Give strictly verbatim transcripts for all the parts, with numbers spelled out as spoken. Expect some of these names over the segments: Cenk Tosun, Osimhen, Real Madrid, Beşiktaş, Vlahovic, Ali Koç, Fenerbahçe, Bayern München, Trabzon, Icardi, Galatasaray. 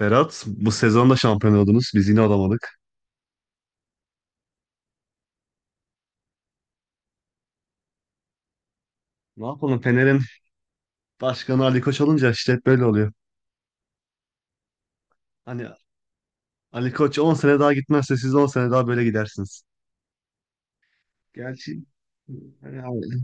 Berat, bu sezon da şampiyon oldunuz. Biz yine olamadık. Ne yapalım? Fener'in başkanı Ali Koç olunca işte hep böyle oluyor. Hani Ali Koç on sene daha gitmezse siz on sene daha böyle gidersiniz. Gerçi yani-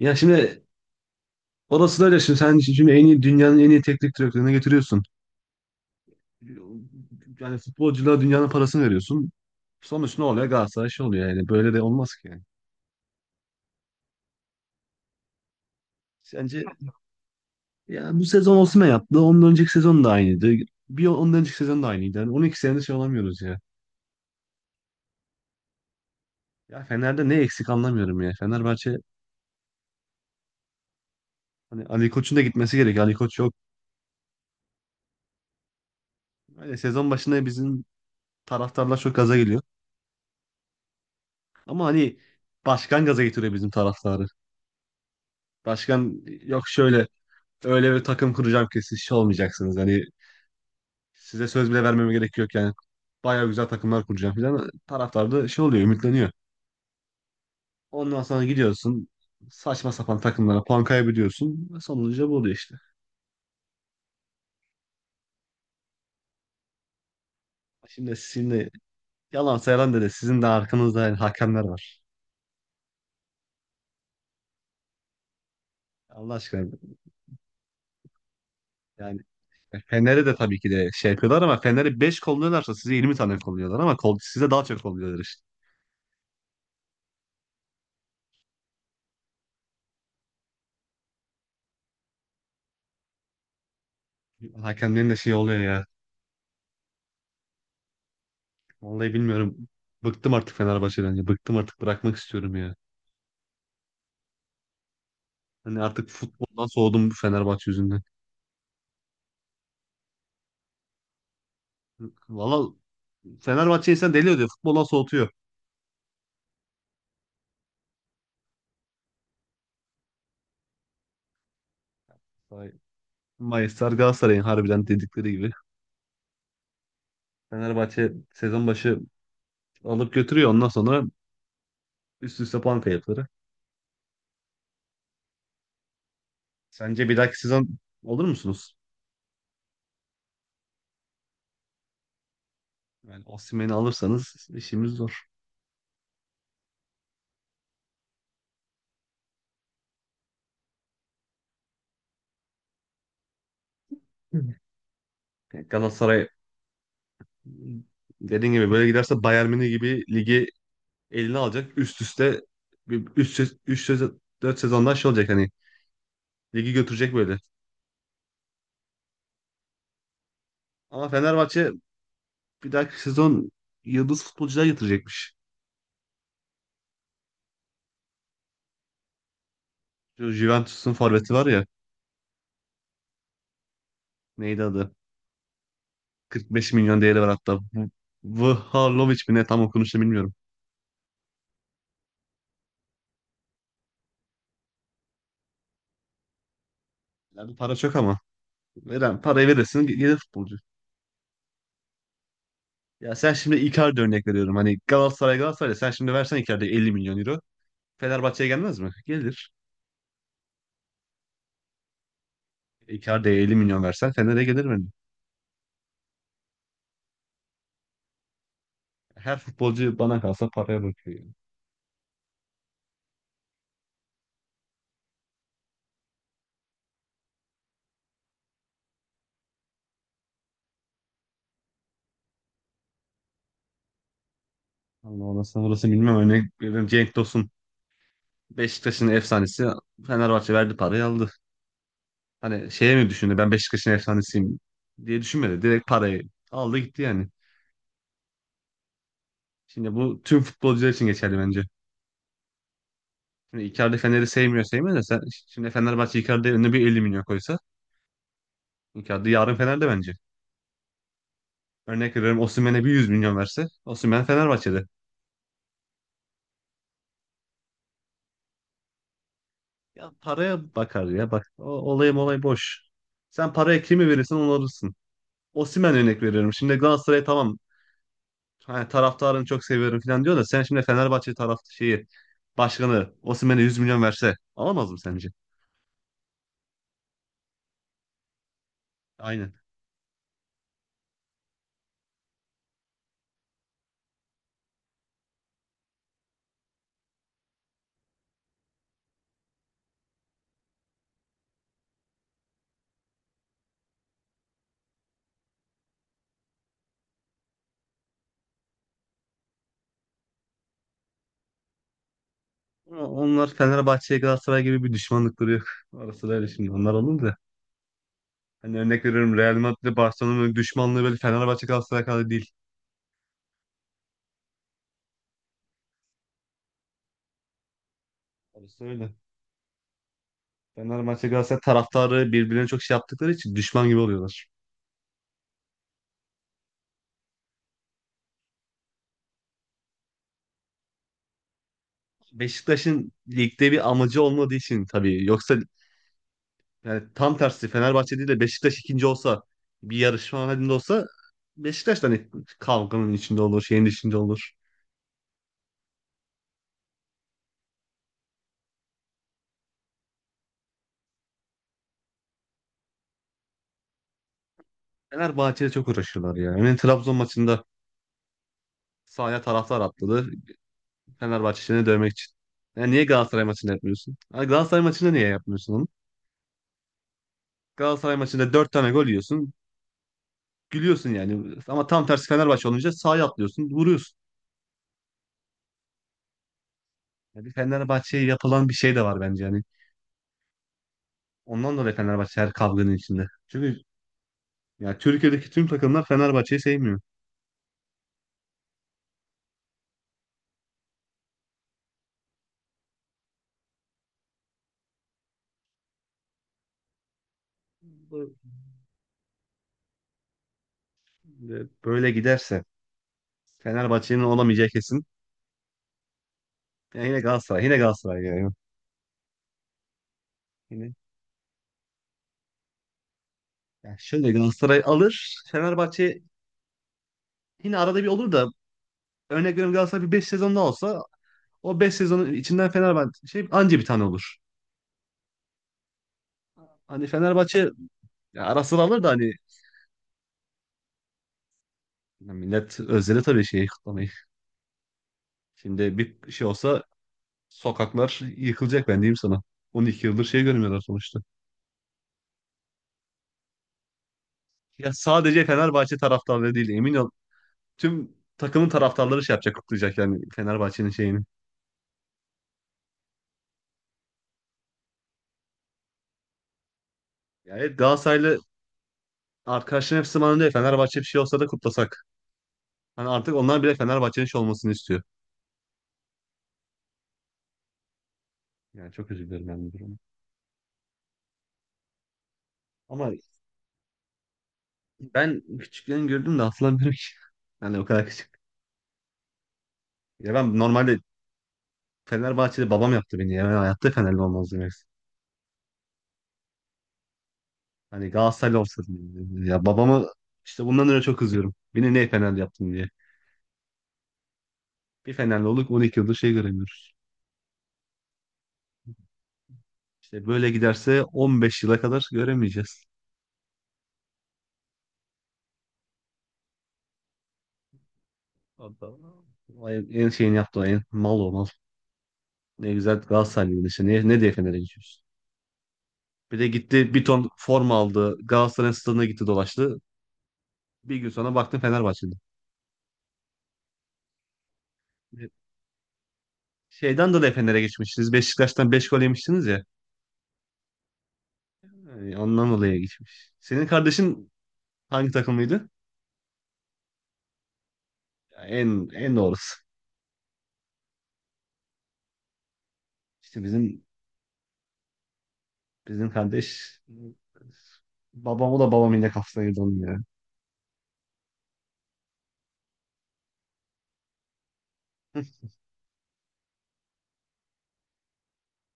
ya şimdi orası da öyle, şimdi sen şimdi en iyi dünyanın en iyi teknik direktörüne getiriyorsun. Yani futbolculara dünyanın parasını veriyorsun. Sonuç ne oluyor? Galatasaray şey oluyor yani. Böyle de olmaz ki yani. Sence ya bu sezon Osimhen yaptı. Ondan önceki sezon da aynıydı. Bir ondan önceki sezon da aynıydı. Yani on iki senedir şey olamıyoruz ya. Ya Fener'de ne eksik anlamıyorum ya. Fenerbahçe hani Ali Koç'un da gitmesi gerekiyor. Ali Koç yok. Hani sezon başında bizim taraftarlar çok gaza geliyor. Ama hani başkan gaza getiriyor bizim taraftarı. Başkan yok şöyle öyle bir takım kuracağım ki siz şey olmayacaksınız. Hani size söz bile vermeme gerek yok yani. Bayağı güzel takımlar kuracağım falan. Taraftar da şey oluyor, ümitleniyor. Ondan sonra gidiyorsun saçma sapan takımlara puan kaybediyorsun. Sonucu bu oluyor işte. Şimdi sizin de yalan sayılan dedi sizin de arkanızda yani hakemler var. Allah aşkına, yani Fener'e de tabii ki de şey yapıyorlar ama Fener'e beş kolluyorlarsa size yirmi tane kolluyorlar ama kol, size daha çok kolluyorlar işte. Hakemlerin de şey oluyor ya. Vallahi bilmiyorum. Bıktım artık Fenerbahçe'den ya. Bıktım artık, bırakmak istiyorum ya. Hani artık futboldan soğudum bu Fenerbahçe yüzünden. Valla Fenerbahçe insan deli oluyor. Futboldan soğutuyor. Vay. Mayıslar Galatasaray'ın, harbiden dedikleri gibi. Fenerbahçe sezon başı alıp götürüyor. Ondan sonra üst üste puan kayıpları. Sence bir dahaki sezon olur musunuz? Yani Osimhen'i alırsanız işimiz zor. Yani Galatasaray dediğin gibi böyle giderse Bayern Münih gibi ligi eline alacak. Üst üste üç üç dört sezondan şey olacak hani ligi götürecek böyle. Ama Fenerbahçe bir dahaki sezon yıldız futbolcular getirecekmiş. Şu Juventus'un forveti var ya, neydi adı? kırk beş milyon değeri var hatta. V- Vlahovic mi ne, tam okunuşunu bilmiyorum. Yani para çok ama veren parayı verirsin, gelir futbolcu. Ya sen şimdi Icardi örnek veriyorum. Hani Galatasaray Galatasaray sen şimdi versen Icardi'ye elli milyon euro. Fenerbahçe'ye gelmez mi? Gelir. Icardi'ye elli milyon versen Fener'e gelir mi? Her futbolcu bana kalsa paraya bakıyor. Yani. Allah orası orası bilmem. Örnek veriyorum Cenk Tosun. Beşiktaş'ın efsanesi, Fenerbahçe verdi parayı aldı. Hani şeye mi düşündü, ben Beşiktaş'ın efsanesiyim diye düşünmedi. Direkt parayı aldı gitti yani. Şimdi bu tüm futbolcular için geçerli bence. Şimdi Icardi Fener'i sevmiyor, sevmiyor da sen şimdi Fenerbahçe Icardi'ye önüne bir elli milyon koysa Icardi yarın Fener'de bence. Örnek veriyorum, Osimhen'e bir yüz milyon verse Osimhen Fenerbahçe'de. Ya paraya bakar ya, bak o, olay olay boş. Sen paraya kimi verirsen onu alırsın. Osimhen örnek veriyorum. Şimdi Galatasaray tamam, hani taraftarını çok seviyorum falan diyor da sen şimdi Fenerbahçe taraf şeyi başkanı Osimhen'e yüz milyon verse alamaz mı sence? Aynen. Ama onlar Fenerbahçe'ye Galatasaray gibi bir düşmanlıkları yok. Orası da öyle, şimdi onlar alındı da, hani örnek veriyorum Real Madrid ile Barcelona'nın düşmanlığı böyle Fenerbahçe Galatasaray kadar değil. Orası öyle. Fenerbahçe Galatasaray taraftarı birbirlerine çok şey yaptıkları için düşman gibi oluyorlar. Beşiktaş'ın ligde bir amacı olmadığı için tabii. Yoksa yani tam tersi Fenerbahçe değil de Beşiktaş ikinci olsa, bir yarışma halinde olsa, Beşiktaş da hani kavganın içinde olur, şeyin içinde olur. Fenerbahçe'de çok uğraşıyorlar ya. Yani Trabzon maçında sahaya taraftar atladı. Fenerbahçe'ye dövmek için. Yani niye Galatasaray maçında yapmıyorsun? Yani Galatasaray maçında niye yapmıyorsun onu? Galatasaray maçında dört tane gol yiyorsun. Gülüyorsun yani. Ama tam tersi Fenerbahçe olunca sağa atlıyorsun, vuruyorsun. Yani Fenerbahçe'ye yapılan bir şey de var bence yani. Ondan dolayı Fenerbahçe her kavganın içinde. Çünkü ya Türkiye'deki tüm takımlar Fenerbahçe'yi sevmiyor. Bu- Böyle giderse Fenerbahçe'nin olamayacağı kesin. Ya yine Galatasaray, yine Galatasaray yani. Yine ya şöyle, Galatasaray alır, Fenerbahçe yine arada bir olur da, örnek veriyorum Galatasaray bir beş sezonda olsa o beş sezonun içinden Fenerbahçe şey anca bir tane olur. Hani Fenerbahçe ya ara sıra alır da hani, ya millet özledi tabii şeyi, kutlamayı. Şimdi bir şey olsa sokaklar yıkılacak, ben diyeyim sana. On iki yıldır şey görmüyorlar sonuçta. Ya sadece Fenerbahçe taraftarları değil, emin ol. Tüm takımın taraftarları şey yapacak, kutlayacak yani Fenerbahçe'nin şeyini. Yani evet, Galatasaraylı arkadaşların hepsi bana diyor Fenerbahçe bir şey olsa da kutlasak. Hani artık onlar bile Fenerbahçe'nin şey olmasını istiyor. Yani çok üzülüyorum ben bu duruma. Ama ben küçükken gördüm de hatırlamıyorum ki. Yani o kadar küçük. Ya ben normalde Fenerbahçe'de, babam yaptı beni. Ya ben hayatta Fenerli olmazdım. Hani Galatasaraylı olsaydım. Ya babamı işte bundan öyle çok kızıyorum. Beni ne Fenerli yaptın diye. Bir Fenerli olduk on iki yıldır şey göremiyoruz. İşte böyle giderse on beş yıla kadar göremeyeceğiz. Adam Allah. En şeyini yaptı o, en mal o mal. Ne güzel Galatasaraylı işte. Ne, ne diye Fener'e gidiyoruz. Bir de gitti bir ton forma aldı. Galatasaray'ın stadına gitti, dolaştı. Bir gün sonra baktım Fenerbahçe'de. Şeyden dolayı Fener'e geçmişsiniz. Beşiktaş'tan beş gol yemiştiniz ya. Yani ondan dolayı geçmiş. Senin kardeşin hangi takımlıydı? Ya En en doğrusu. İşte bizim bizim kardeş babamı da babam yine kafasına girdi onun ya.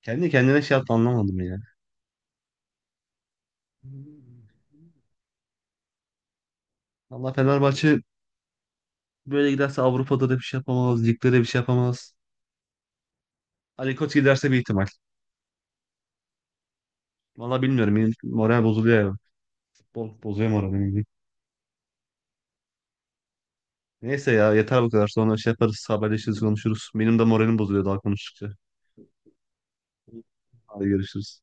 Kendi kendine şey yaptı, anlamadım ya. Allah Fenerbahçe böyle giderse Avrupa'da da bir şey yapamaz. Ligde de bir şey yapamaz. Ali Koç giderse bir ihtimal. Valla bilmiyorum. Benim moral bozuluyor ya. Futbol bozuyor moralimi. Neyse ya, yeter bu kadar. Sonra şey yaparız. Haberleşiriz, konuşuruz. Benim de moralim bozuluyor daha konuştukça. Hadi görüşürüz.